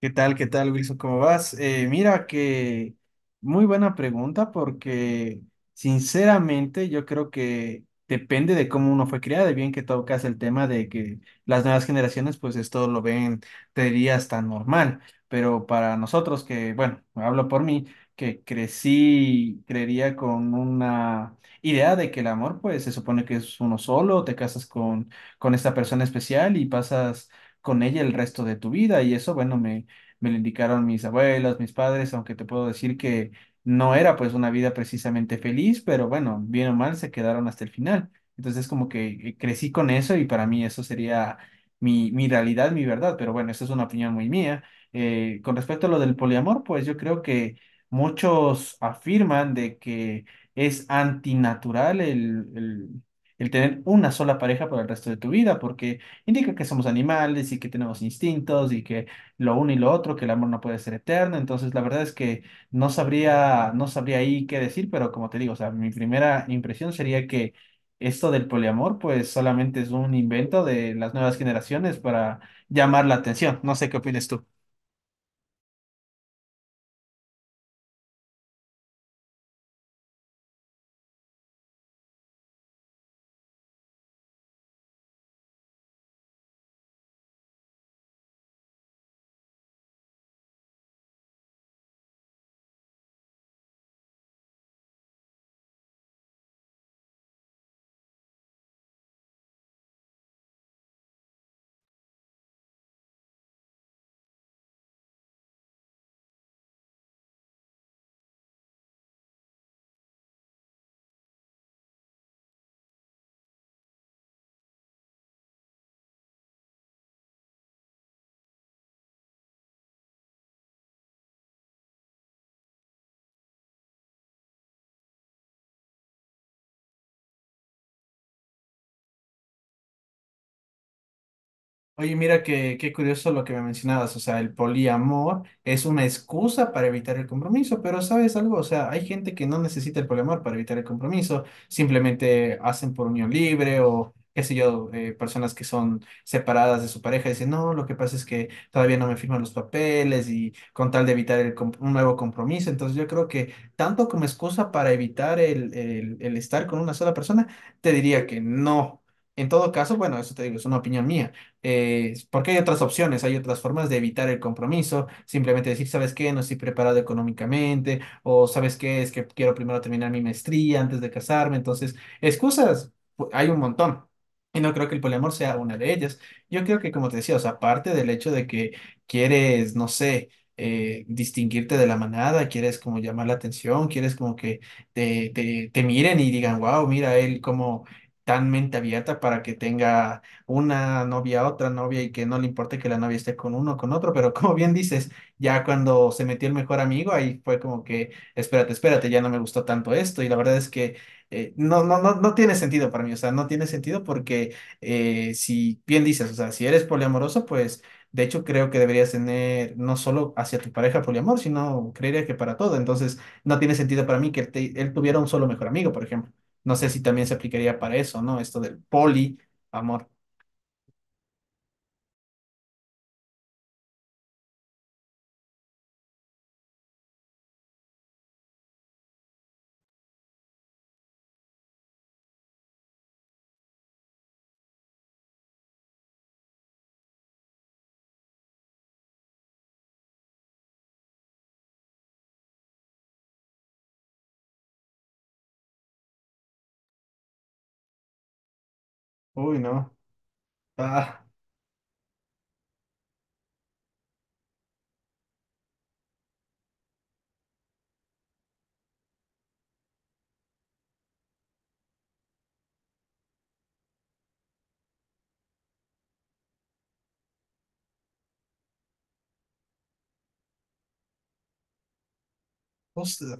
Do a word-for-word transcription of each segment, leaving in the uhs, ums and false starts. ¿Qué tal? ¿Qué tal, Wilson? ¿Cómo vas? Eh, mira que muy buena pregunta porque sinceramente yo creo que depende de cómo uno fue criado y bien que tocas el tema de que las nuevas generaciones pues esto lo ven, te dirías, tan normal, pero para nosotros que, bueno, hablo por mí, que crecí, creería con una idea de que el amor pues se supone que es uno solo, te casas con, con esta persona especial y pasas con ella el resto de tu vida y eso, bueno, me, me lo indicaron mis abuelos, mis padres, aunque te puedo decir que no era pues una vida precisamente feliz, pero bueno, bien o mal se quedaron hasta el final. Entonces como que eh, crecí con eso y para mí eso sería mi, mi realidad, mi verdad, pero bueno, esa es una opinión muy mía. Eh, con respecto a lo del poliamor, pues yo creo que muchos afirman de que es antinatural el, el, el tener una sola pareja para el resto de tu vida, porque indica que somos animales y que tenemos instintos y que lo uno y lo otro, que el amor no puede ser eterno. Entonces, la verdad es que no sabría, no sabría ahí qué decir, pero como te digo, o sea, mi primera impresión sería que esto del poliamor, pues solamente es un invento de las nuevas generaciones para llamar la atención. No sé qué opinas tú. Oye, mira que- qué curioso lo que me mencionabas, o sea, el poliamor es una excusa para evitar el compromiso, pero ¿sabes algo? O sea, hay gente que no necesita el poliamor para evitar el compromiso, simplemente hacen por unión libre o qué sé yo, eh, personas que son separadas de su pareja y dicen, no, lo que pasa es que todavía no me firman los papeles y con tal de evitar el com- un nuevo compromiso, entonces yo creo que tanto como excusa para evitar el, el el estar con una sola persona, te diría que no. En todo caso, bueno, eso te digo, es una opinión mía eh, porque hay otras opciones, hay otras formas de evitar el compromiso, simplemente decir, ¿sabes qué? No estoy preparado económicamente, o ¿sabes qué? Es que quiero primero terminar mi maestría antes de casarme, entonces, excusas, pu- hay un montón. Y no creo que el poliamor sea una de ellas. Yo creo que, como te decía, o sea, aparte del hecho de que quieres, no sé, eh, distinguirte de la manada, quieres como llamar la atención, quieres como que te, te, te miren y digan, wow, mira él como tan mente abierta para que tenga una novia a otra novia y que no le importe que la novia esté con uno o con otro, pero como bien dices, ya cuando se metió el mejor amigo, ahí fue como que, espérate, espérate, ya no me gustó tanto esto y la verdad es que eh, no, no, no, no tiene sentido para mí, o sea, no tiene sentido porque eh, si bien dices, o sea, si eres poliamoroso, pues de hecho, creo que deberías tener no solo hacia tu pareja poliamor, sino creería que para todo. Entonces, no tiene sentido para mí que él, te- él tuviera un solo mejor amigo, por ejemplo. No sé si también se aplicaría para eso, ¿no? Esto del poliamor. Uy, no. Ah, justo-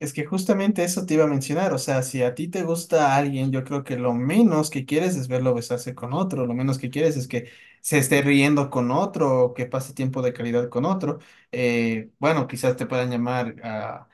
es que justamente eso te iba a mencionar. O sea, si a ti te gusta alguien, yo creo que lo menos que quieres es verlo besarse con otro. Lo menos que quieres es que se esté riendo con otro o que pase tiempo de calidad con otro. Eh, bueno, quizás te puedan llamar a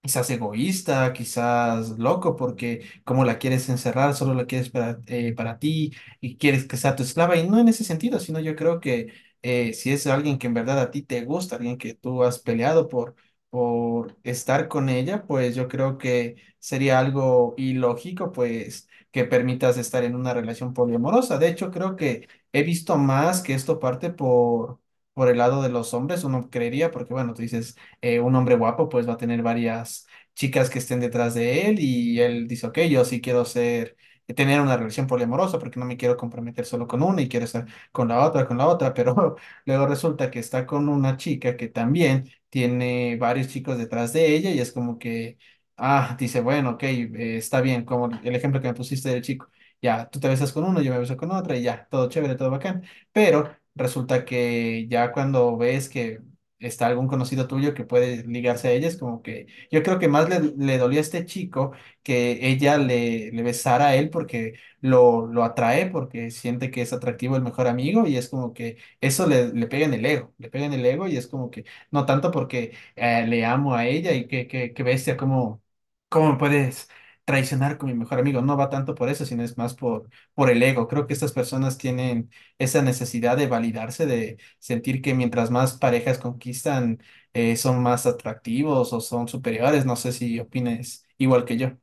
quizás egoísta, quizás loco, porque como la quieres encerrar, solo la quieres para, eh, para ti y quieres que sea tu esclava. Y no en ese sentido, sino yo creo que eh, si es alguien que en verdad a ti te gusta, alguien que tú has peleado por, por estar con ella, pues yo creo que sería algo ilógico, pues que permitas estar en una relación poliamorosa. De hecho, creo que he visto más que esto parte por... por el lado de los hombres, uno creería, porque bueno, tú dices, eh, un hombre guapo pues va a tener varias chicas que estén detrás de él y él dice, ok, yo sí quiero ser, tener una relación poliamorosa porque no me quiero comprometer solo con una y quiero estar con la otra, con la otra, pero luego resulta que está con una chica que también tiene varios chicos detrás de ella y es como que, ah, dice, bueno, ok, eh, está bien, como el ejemplo que me pusiste del chico. Ya, tú te besas con uno, yo me beso con otra y ya, todo chévere, todo bacán. Pero resulta que ya cuando ves que está algún conocido tuyo que puede ligarse a ella, es como que yo creo que más le, le dolió a este chico que ella le, le besara a él porque lo, lo atrae, porque siente que es atractivo el mejor amigo y es como que eso le, le pega en el ego, le pega en el ego y es como que no tanto porque eh, le amo a ella y que, que, que bestia, ¿cómo, ¿cómo me puedes traicionar con mi mejor amigo? No va tanto por eso, sino es más por, por el ego. Creo que estas personas tienen esa necesidad de validarse, de sentir que mientras más parejas conquistan, eh, son más atractivos o son superiores. No sé si opines igual que yo.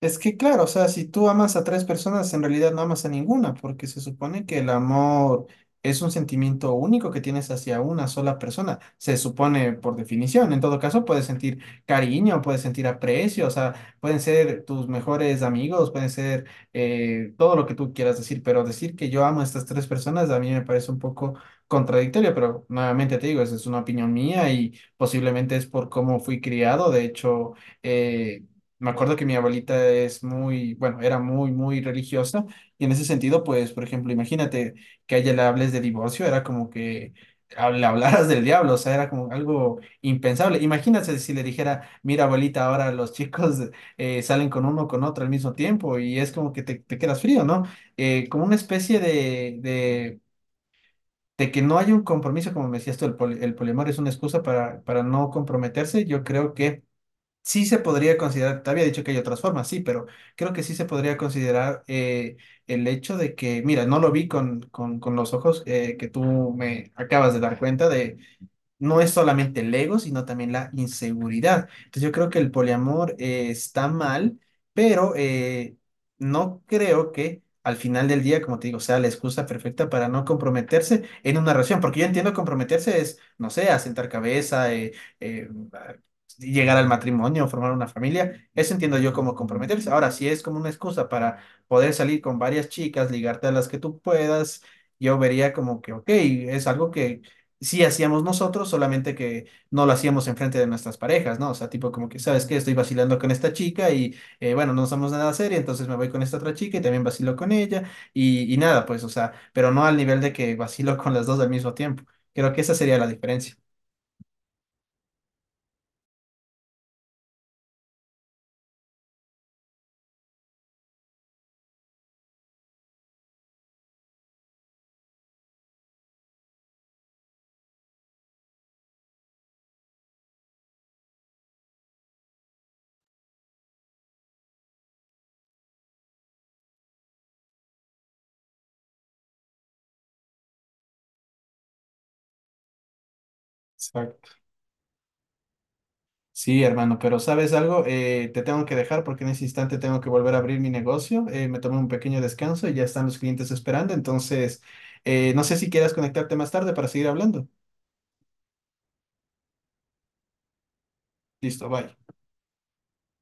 Es que claro, o sea, si tú amas a tres personas, en realidad no amas a ninguna, porque se supone que el amor es un sentimiento único que tienes hacia una sola persona. Se supone por definición. En todo caso, puedes sentir cariño, puedes sentir aprecio, o sea, pueden ser tus mejores amigos, pueden ser eh, todo lo que tú quieras decir, pero decir que yo amo a estas tres personas a mí me parece un poco contradictorio, pero nuevamente te digo, esa es una opinión mía y posiblemente es por cómo fui criado. De hecho, eh, me acuerdo que mi abuelita es muy, bueno, era muy, muy religiosa y en ese sentido, pues, por ejemplo, imagínate que a ella le hables de divorcio, era como que hab- le hablaras del diablo, o sea, era como algo impensable. Imagínate si le dijera, mira, abuelita, ahora los chicos eh, salen con uno, con otro al mismo tiempo y es como que te, te quedas frío, ¿no? Eh, como una especie de, de, de que no hay un compromiso, como me decías tú, el, poli- el poliamor es una excusa para, para no comprometerse. Yo creo que sí se podría considerar, te había dicho que hay otras formas, sí, pero creo que sí se podría considerar eh, el hecho de que, mira, no lo vi con, con, con los ojos eh, que tú me acabas de dar cuenta de, no es solamente el ego, sino también la inseguridad. Entonces yo creo que el poliamor eh, está mal, pero eh, no creo que al final del día, como te digo, sea la excusa perfecta para no comprometerse en una relación, porque yo entiendo comprometerse es, no sé, asentar cabeza, eh, eh, a- llegar al matrimonio, formar una familia, eso entiendo yo como comprometerse. Ahora, si es como una excusa para poder salir con varias chicas, ligarte a las que tú puedas. Yo vería como que, ok, es algo que sí hacíamos nosotros, solamente que no lo hacíamos enfrente de nuestras parejas, ¿no? O sea, tipo como que, ¿sabes qué? Estoy vacilando con esta chica y, eh, bueno, no somos nada serio, entonces me voy con esta otra chica y también vacilo con ella y, y nada, pues, o sea, pero no al nivel de que vacilo con las dos al mismo tiempo. Creo que esa sería la diferencia. Exacto. Sí, hermano, pero ¿sabes algo? Eh, te tengo que dejar porque en ese instante tengo que volver a abrir mi negocio. Eh, me tomé un pequeño descanso y ya están los clientes esperando. Entonces, eh, no sé si quieras conectarte más tarde para seguir hablando. Listo, bye.